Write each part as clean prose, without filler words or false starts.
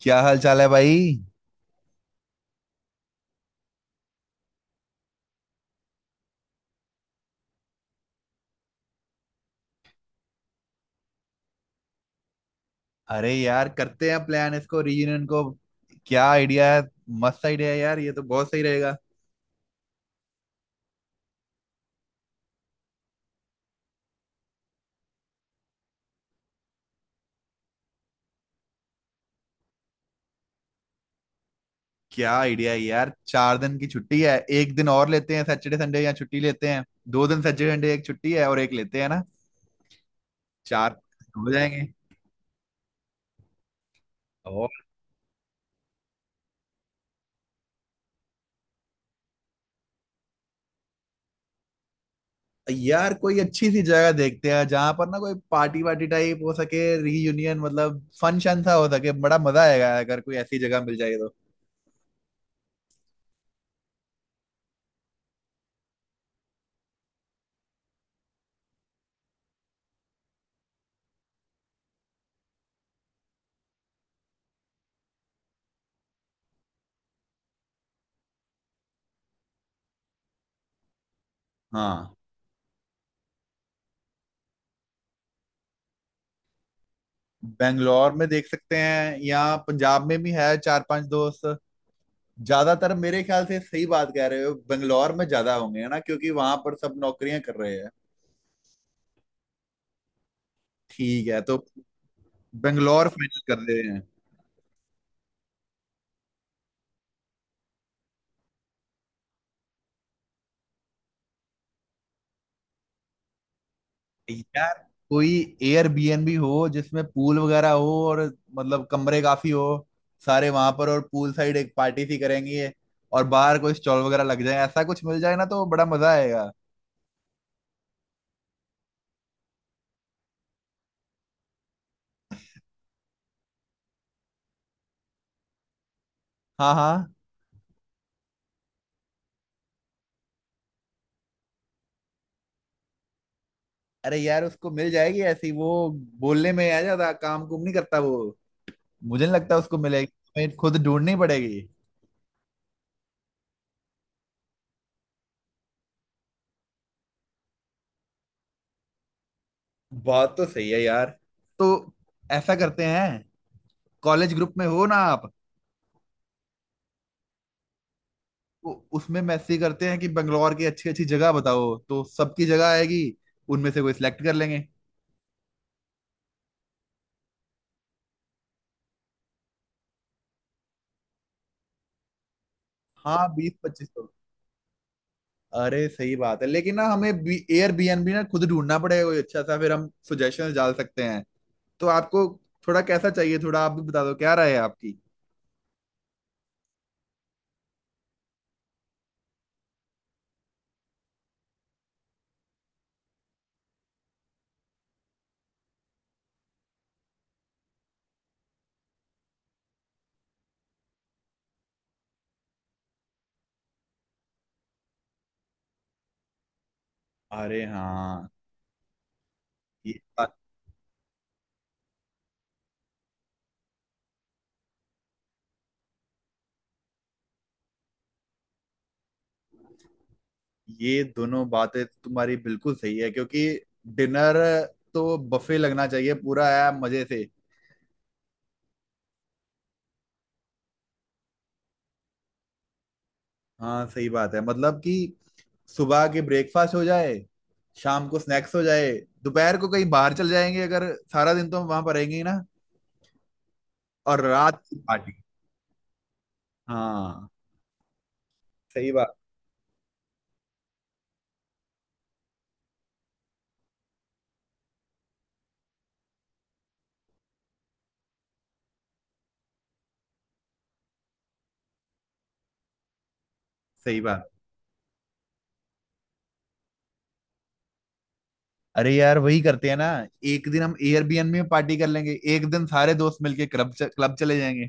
क्या हाल चाल है भाई। अरे यार करते हैं प्लान इसको रीयूनियन को। क्या आइडिया है। मस्त आइडिया है यार, ये तो बहुत सही रहेगा। क्या आइडिया है यार, 4 दिन की छुट्टी है, एक दिन और लेते हैं, सैटरडे संडे या छुट्टी लेते हैं। दो दिन सैटरडे संडे, एक छुट्टी है और एक लेते हैं ना। चार हो जाएंगे। और यार कोई अच्छी सी जगह देखते हैं जहां पर ना कोई पार्टी वार्टी टाइप हो सके, रीयूनियन मतलब फन शन सा हो सके, बड़ा मजा आएगा अगर कोई ऐसी जगह मिल जाए तो। हाँ। बेंगलोर में देख सकते हैं, यहाँ पंजाब में भी है चार पांच दोस्त। ज्यादातर मेरे ख्याल से सही बात कह रहे हो, बेंगलोर में ज्यादा होंगे है ना, क्योंकि वहां पर सब नौकरियां कर रहे हैं। ठीक है तो बेंगलोर फाइनल कर रहे हैं। यार कोई एयरबीएनबी हो जिसमें पूल वगैरह हो, और मतलब कमरे काफी हो सारे वहां पर, और पूल साइड एक पार्टी सी करेंगे। और बाहर कोई स्टॉल वगैरह लग जाए, ऐसा कुछ मिल जाए ना तो बड़ा मजा आएगा। हाँ हाँ। अरे यार उसको मिल जाएगी ऐसी, वो बोलने में आ जाता, काम कुम नहीं करता वो। मुझे नहीं लगता उसको मिलेगी। हमें खुद ढूंढनी पड़ेगी। बात तो सही है यार। तो ऐसा करते हैं, कॉलेज ग्रुप में हो ना आप। तो उसमें मैसेज करते हैं कि बंगलौर की अच्छी अच्छी जगह बताओ, तो सबकी जगह आएगी। उनमें से कोई सिलेक्ट कर लेंगे। हाँ 20-25 लोग। अरे सही बात है, लेकिन ना हमें एयर बीएनबी ना खुद ढूंढना पड़ेगा कोई अच्छा सा, फिर हम सुजेशन डाल सकते हैं। तो आपको थोड़ा कैसा चाहिए, थोड़ा आप भी बता दो क्या राय है आपकी। अरे हाँ। ये बात- ये दोनों बातें तो तुम्हारी बिल्कुल सही है, क्योंकि डिनर तो बफे लगना चाहिए पूरा, है मजे से। हाँ सही बात है, मतलब कि सुबह के ब्रेकफास्ट हो जाए, शाम को स्नैक्स हो जाए, दोपहर को कहीं बाहर चल जाएंगे अगर, सारा दिन तो हम वहां पर रहेंगे ही ना, और रात की पार्टी। हाँ सही बात। सही बात। अरे यार वही करते हैं ना, एक दिन हम एयरबीएनबी में पार्टी कर लेंगे, एक दिन सारे दोस्त मिलके क्लब क्लब चले जाएंगे।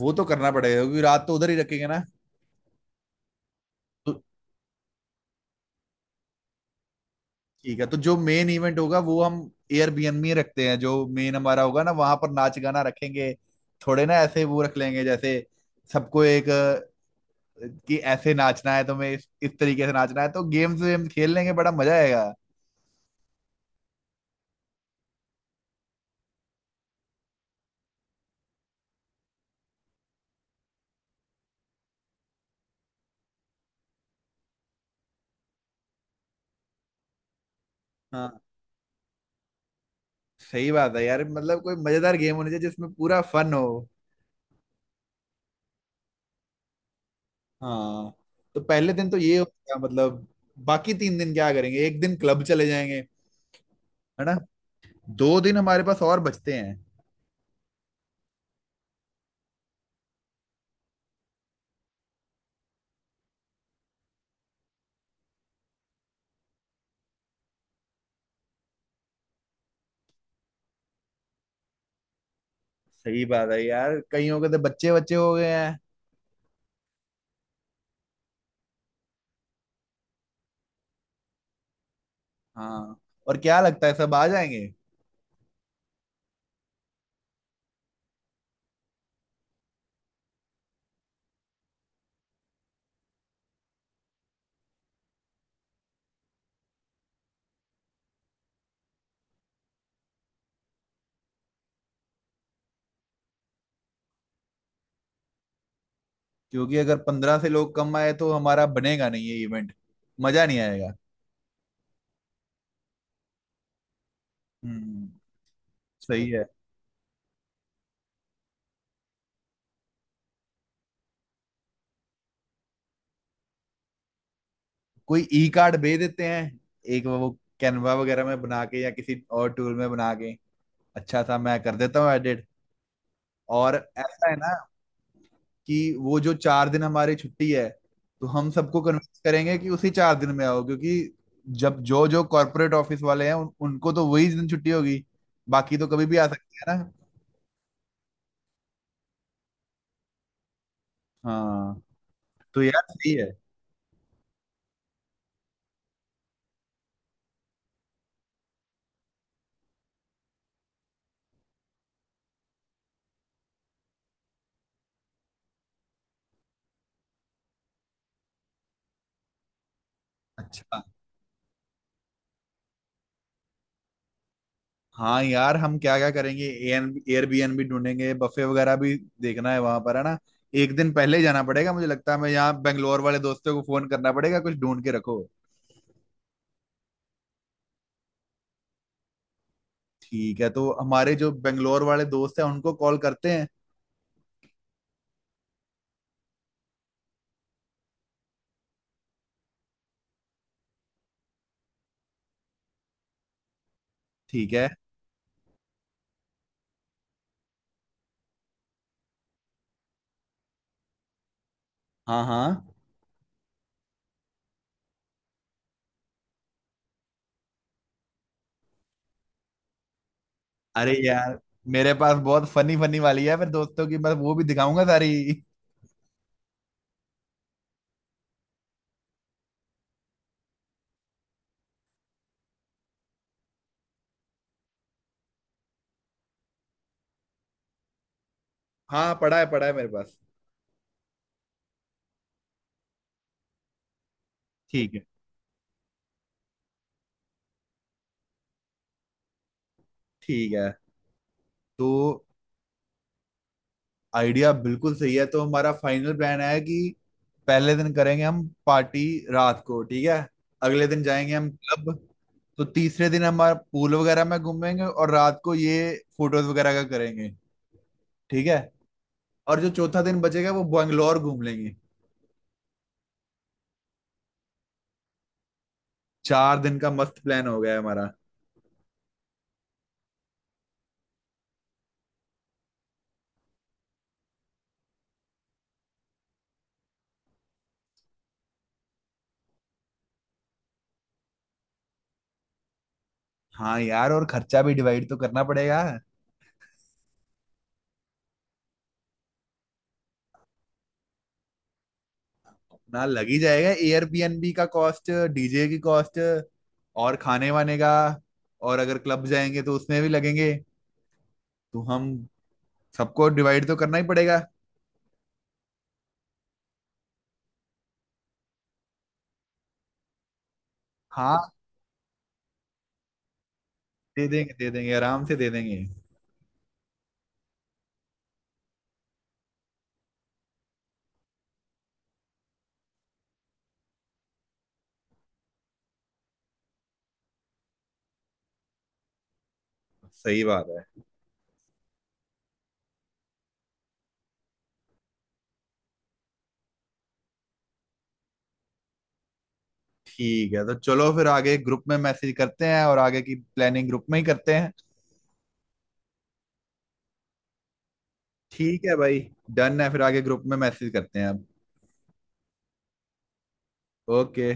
वो तो करना पड़ेगा, क्योंकि रात तो उधर ही रखेंगे ना। तो ठीक है, तो जो मेन इवेंट होगा वो हम एयरबीएनबी में रखते हैं, जो मेन हमारा होगा ना वहां पर नाच गाना रखेंगे। थोड़े ना ऐसे वो रख लेंगे जैसे सबको एक कि ऐसे नाचना है तुम्हें, इस तरीके से नाचना है, तो गेम्स वेम खेल लेंगे बड़ा मजा आएगा। हाँ सही बात है यार, मतलब कोई मजेदार गेम होनी चाहिए जिसमें पूरा फन हो। हाँ। तो पहले दिन तो ये होगा मतलब, बाकी 3 दिन क्या करेंगे, एक दिन क्लब चले जाएंगे है ना। 2 दिन हमारे पास और बचते हैं। सही बात है यार, कईयों के तो बच्चे बच्चे हो गए हैं। हाँ। और क्या लगता है सब आ जाएंगे। क्योंकि अगर 15 से लोग कम आए तो हमारा बनेगा नहीं ये इवेंट। मजा नहीं आएगा। हम्म। सही है। कोई ई कार्ड भेज देते हैं, एक वो कैनवा वगैरह में बना के या किसी और टूल में बना के अच्छा सा, मैं कर देता हूँ एडिट। और ऐसा है ना, कि वो जो 4 दिन हमारी छुट्टी है, तो हम सबको कन्विंस करेंगे कि उसी 4 दिन में आओ, क्योंकि जब जो जो कॉर्पोरेट ऑफिस वाले हैं उनको तो वही दिन छुट्टी होगी। बाकी तो कभी भी आ सकते हैं ना। हाँ तो यार सही है। अच्छा। हाँ यार, हम क्या क्या करेंगे एयरबीएनबी ढूंढेंगे, बफे वगैरह भी देखना है वहां पर है ना। एक दिन पहले ही जाना पड़ेगा मुझे लगता है, मैं यहाँ बेंगलोर वाले दोस्तों को फोन करना पड़ेगा, कुछ ढूंढ के रखो। ठीक है, तो हमारे जो बेंगलोर वाले दोस्त हैं उनको कॉल करते हैं। ठीक है। हाँ हाँ। अरे यार मेरे पास बहुत फनी फनी वाली है मेरे दोस्तों की, मैं वो भी दिखाऊंगा सारी। हाँ पढ़ा है मेरे पास। ठीक है। ठीक है तो। आइडिया बिल्कुल सही है, तो हमारा फाइनल प्लान है कि पहले दिन करेंगे हम पार्टी रात को, ठीक है, अगले दिन जाएंगे हम क्लब। तो तीसरे दिन हमारा पूल वगैरह में घूमेंगे और रात को ये फोटोज वगैरह का करेंगे, ठीक है। और जो चौथा दिन बचेगा वो बैंगलोर घूम लेंगे। 4 दिन का मस्त प्लान हो गया है हमारा। हाँ यार, और खर्चा भी डिवाइड तो करना पड़ेगा। ना, लग ही जाएगा एयरबीएनबी का कॉस्ट, डीजे की कॉस्ट और खाने वाने का, और अगर क्लब जाएंगे तो उसमें भी लगेंगे। तो हम सबको डिवाइड तो करना ही पड़ेगा। हाँ दे देंगे दे देंगे, आराम से दे देंगे। सही बात है। ठीक है तो चलो फिर आगे ग्रुप में मैसेज करते हैं, और आगे की प्लानिंग ग्रुप में ही करते हैं। ठीक है भाई। डन है, फिर आगे ग्रुप में मैसेज करते हैं अब। ओके।